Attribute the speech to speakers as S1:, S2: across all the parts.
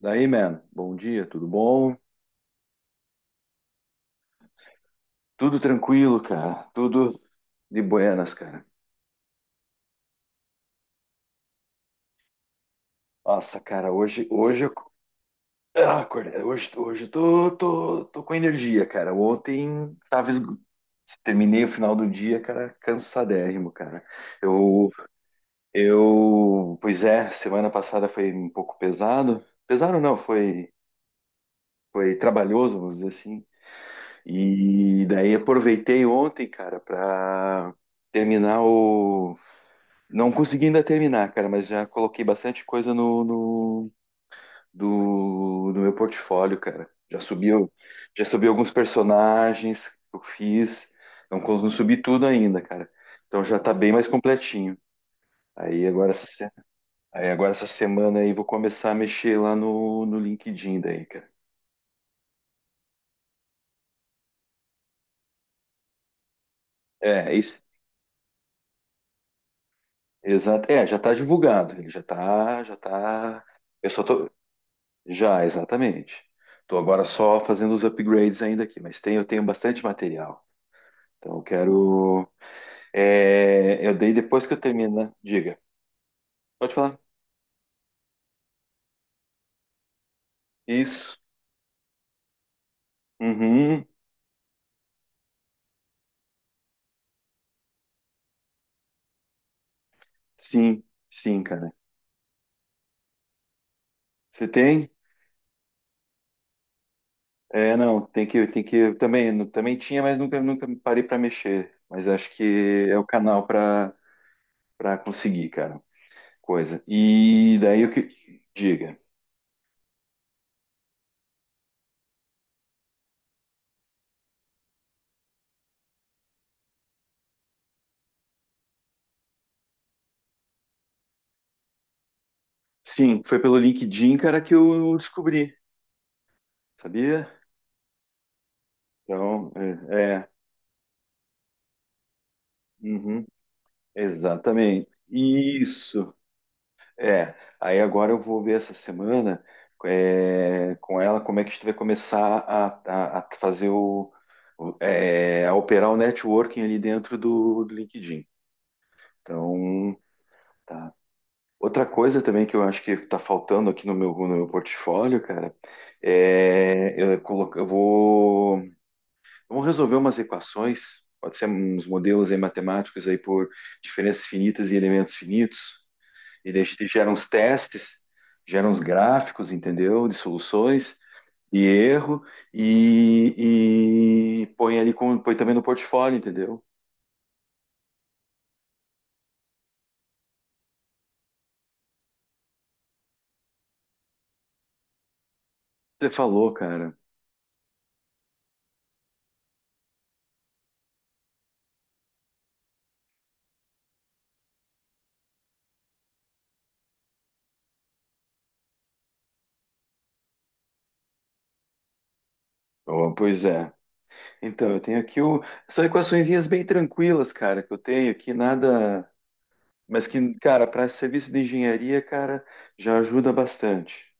S1: Daí, man, bom dia, tudo bom? Tudo tranquilo, cara, tudo de buenas, cara. Nossa, cara, ah, acordei, hoje eu tô com energia, cara. Ontem tava, terminei o final do dia, cara, cansadérrimo, cara. Eu, pois é, semana passada foi um pouco pesado, pesado não, foi, trabalhoso, vamos dizer assim. E daí aproveitei ontem, cara, pra terminar o. Não consegui ainda terminar, cara, mas já coloquei bastante coisa no, no, do, do meu portfólio, cara. Já subi alguns personagens que eu fiz. Não, não subi tudo ainda, cara. Então já tá bem mais completinho. Aí agora essa, se- Aí agora essa semana aí vou começar a mexer lá no LinkedIn daí, cara. É, isso. Exato. É, já tá divulgado. Ele já tá, já tá. Eu só tô, Já, exatamente. Estou agora só fazendo os upgrades ainda aqui, mas eu tenho bastante material. Então eu quero. É, eu dei depois que eu terminar. Diga. Pode falar. Isso. Uhum. Sim, sim, cara. Você tem? É, não, tem que. Eu também tinha, mas nunca, nunca parei para mexer. Mas acho que é o canal para conseguir, cara. Coisa. E daí o que. Diga. Sim, foi pelo LinkedIn, cara, que eu descobri. Sabia? Então, é, é, uhum, exatamente. Isso. É. Aí agora eu vou ver essa semana, com ela como é que a gente vai começar a fazer a operar o networking ali dentro do LinkedIn. Então, tá. Outra coisa também que eu acho que está faltando aqui no meu portfólio, cara. É eu, colo- eu vou Vamos resolver umas equações, pode ser uns modelos aí matemáticos aí por diferenças finitas e elementos finitos, e daí a gente gera uns testes, gera uns gráficos, entendeu? De soluções e erro, e põe também no portfólio, entendeu? Você falou, cara. Oh, pois é. Então, eu tenho aqui o. São equaçõezinhas bem tranquilas, cara, que eu tenho aqui, nada. Mas que, cara, para serviço de engenharia, cara, já ajuda bastante.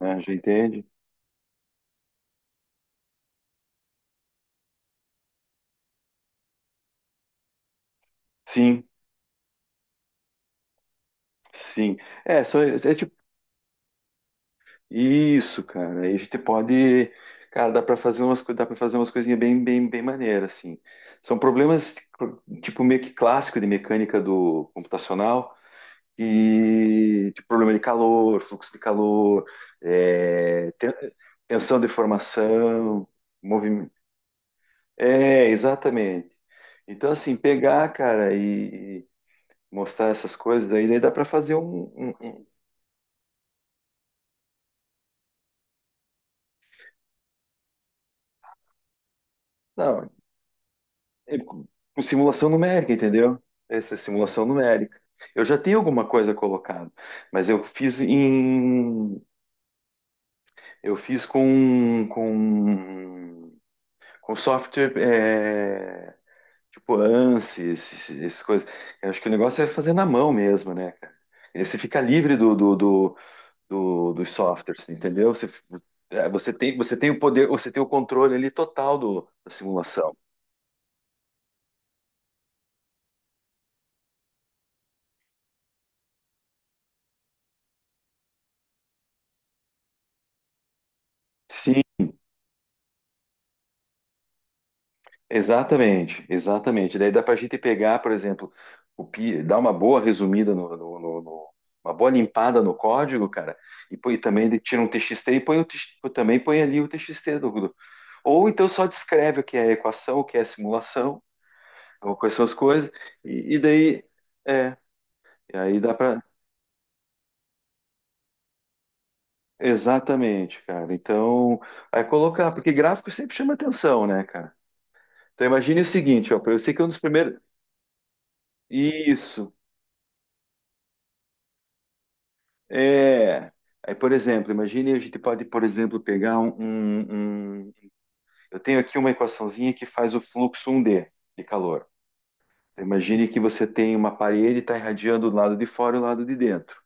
S1: Né? Já entende? Sim, sim. É, só, é tipo, isso, cara. Aí a gente pode, cara, dá para fazer umas coisinhas bem, bem, bem maneiras, assim. São problemas tipo meio que clássico de mecânica do computacional e tipo, problema de calor, fluxo de calor, é, ten- tensão de formação, movimento. É, exatamente. Então, assim, pegar, cara, e mostrar essas coisas, daí dá para fazer não, é, com simulação numérica, entendeu? Essa é simulação numérica. Eu já tenho alguma coisa colocada, mas eu fiz com software, tipo ANSYS, essas coisas. Eu acho que o negócio é fazer na mão mesmo, né, cara? E você fica livre dos softwares, entendeu? Você tem o poder, você tem o controle ali total do, da simulação. Sim, exatamente, exatamente. Daí dá para a gente pegar, por exemplo, dar uma boa resumida uma boa limpada no código, cara, e, também ele tira um TXT e também põe ali o TXT Ou então só descreve o que é a equação, o que é a simulação, ou quais são as coisas, e, e daí é, e aí dá para exatamente, cara. Então, aí colocar, porque gráfico sempre chama atenção, né, cara? Então imagine o seguinte, ó, eu sei que é um dos primeiros isso. É, aí, por exemplo, imagine a gente pode, por exemplo, pegar. Eu tenho aqui uma equaçãozinha que faz o fluxo 1D de calor. Então, imagine que você tem uma parede e está irradiando o lado de fora e o lado de dentro.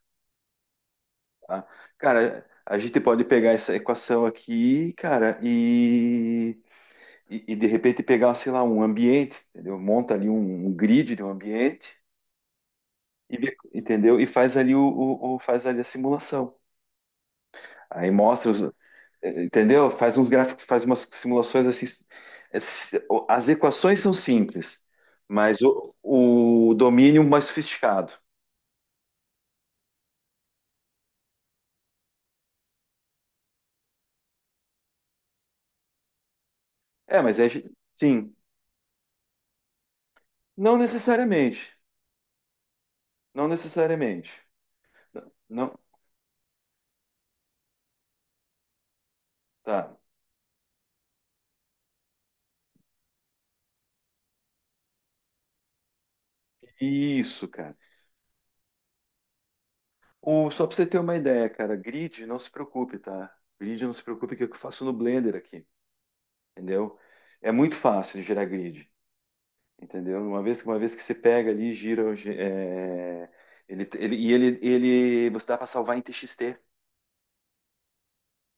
S1: Tá? Cara, a gente pode pegar essa equação aqui, cara, e, de repente pegar, sei lá, um ambiente, entendeu? Monta ali um grid de um ambiente, entendeu? E faz ali a simulação. Aí mostra os. Entendeu? Faz uns gráficos, faz umas simulações assim. As equações são simples, mas o domínio mais sofisticado. É, mas sim. Não necessariamente. Não necessariamente. Não, não- tá. Isso, cara. O, só para você ter uma ideia, cara, grid, não se preocupe, tá? Grid, não se preocupe que eu faço no Blender aqui, entendeu? É muito fácil de gerar grid. Entendeu? Uma vez, uma vez que você pega ali, gira, é, ele, e ele, ele, você dá para salvar em TXT,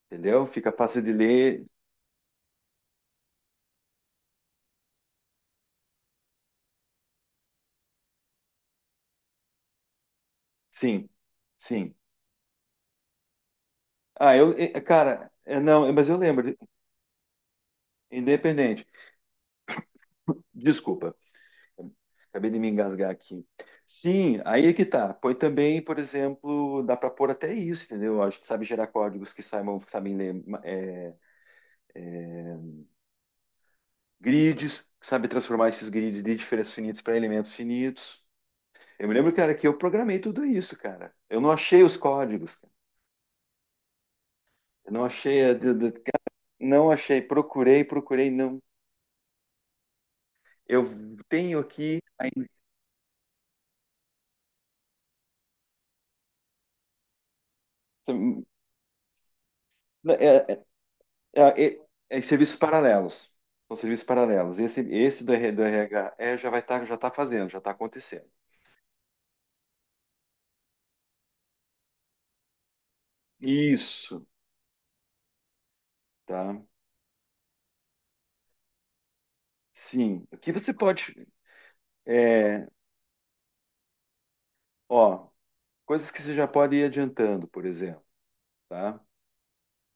S1: entendeu? Fica fácil de ler. Sim, sim. Ah, eu, cara, não, mas eu lembro, independente. Desculpa, acabei de me engasgar aqui. Sim, aí é que tá. Põe também, por exemplo, dá para pôr até isso, entendeu? A gente sabe gerar códigos que saibam, que sabem ler grids, que sabe transformar esses grids de diferenças finitas para elementos finitos. Eu me lembro, cara, que eu programei tudo isso, cara. Eu não achei os códigos, cara. Eu não achei, não achei, procurei, procurei, não. Eu tenho aqui ainda, hum, é, é- é serviços paralelos. São serviços paralelos. Esse do RH é, já vai estar, já está fazendo, já está acontecendo. Isso, tá? Sim. O que você pode, é, ó, coisas que você já pode ir adiantando, por exemplo, tá?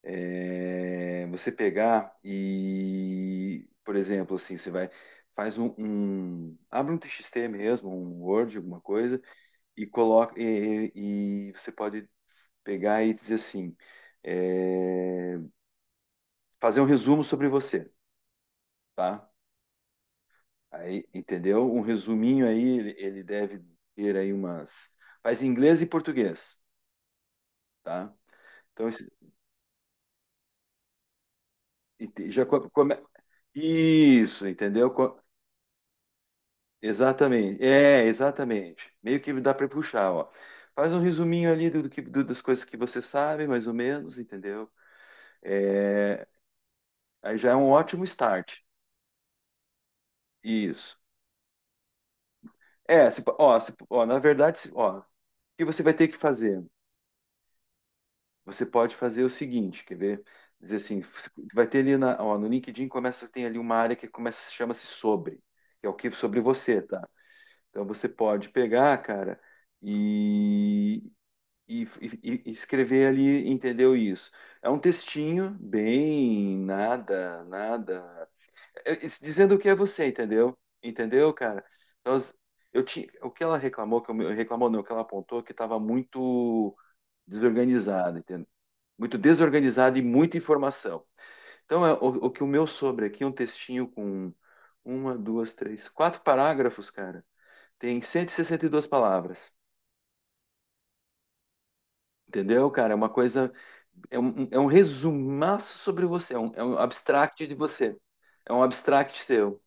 S1: É, você pegar e, por exemplo, assim, você vai, faz um, um- abre um TXT mesmo, um Word, alguma coisa, e coloca, e você pode pegar e dizer assim, é, fazer um resumo sobre você, tá? Aí, entendeu? Um resuminho aí, ele deve ter aí umas, faz em inglês e português, tá? Então, e te- já come, come- isso, entendeu? Exatamente, exatamente. Meio que dá para puxar, ó. Faz um resuminho ali das coisas que você sabe, mais ou menos, entendeu? É, aí já é um ótimo start. Isso. É, ó, na verdade, ó, o que você vai ter que fazer? Você pode fazer o seguinte, quer ver? Dizer assim, você vai ter ali ó, no LinkedIn começa, tem ali uma área que começa, chama-se sobre, que é o que sobre você, tá? Então você pode pegar, cara, e escrever ali, entendeu isso? É um textinho bem nada, nada, dizendo o que é você, entendeu? Entendeu, cara? Então, o que ela reclamou, reclamou não, o que ela apontou, é que estava muito desorganizado, entendeu? Muito desorganizado e muita informação. Então, o que o meu sobre aqui é um textinho com uma, duas, três, quatro parágrafos, cara. Tem cento e sessenta e duas palavras. Entendeu, cara? É uma coisa. É um resumaço sobre você, é um abstract de você. É um abstract seu.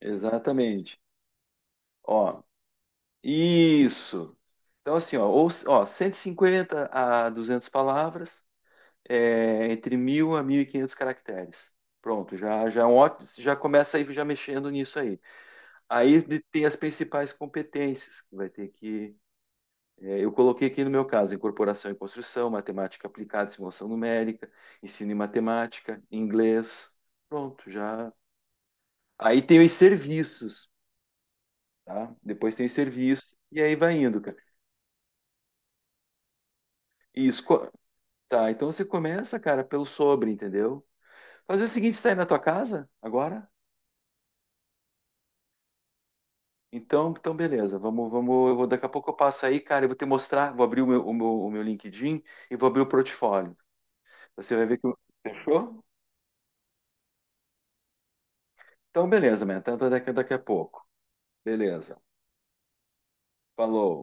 S1: Exatamente. Ó, isso. Então, assim, ó, ou, ó 150 a 200 palavras, entre 1.000 a 1.500 caracteres. Pronto, já, já, é um já começa aí já mexendo nisso aí. Aí tem as principais competências que vai ter que. É, eu coloquei aqui no meu caso, incorporação e construção, matemática aplicada, simulação numérica, ensino em matemática, inglês. Pronto, já. Aí tem os serviços, tá? Depois tem os serviços e aí vai indo, cara. Isso, tá? Então você começa, cara, pelo sobre, entendeu? Fazer o seguinte, você tá aí na tua casa agora? Então, beleza. Vamos, vamos, eu vou daqui a pouco eu passo aí, cara, eu vou te mostrar, vou abrir o meu, LinkedIn e vou abrir o portfólio. Você vai ver. Fechou? Então beleza, man. Então, daqui a pouco. Beleza. Falou.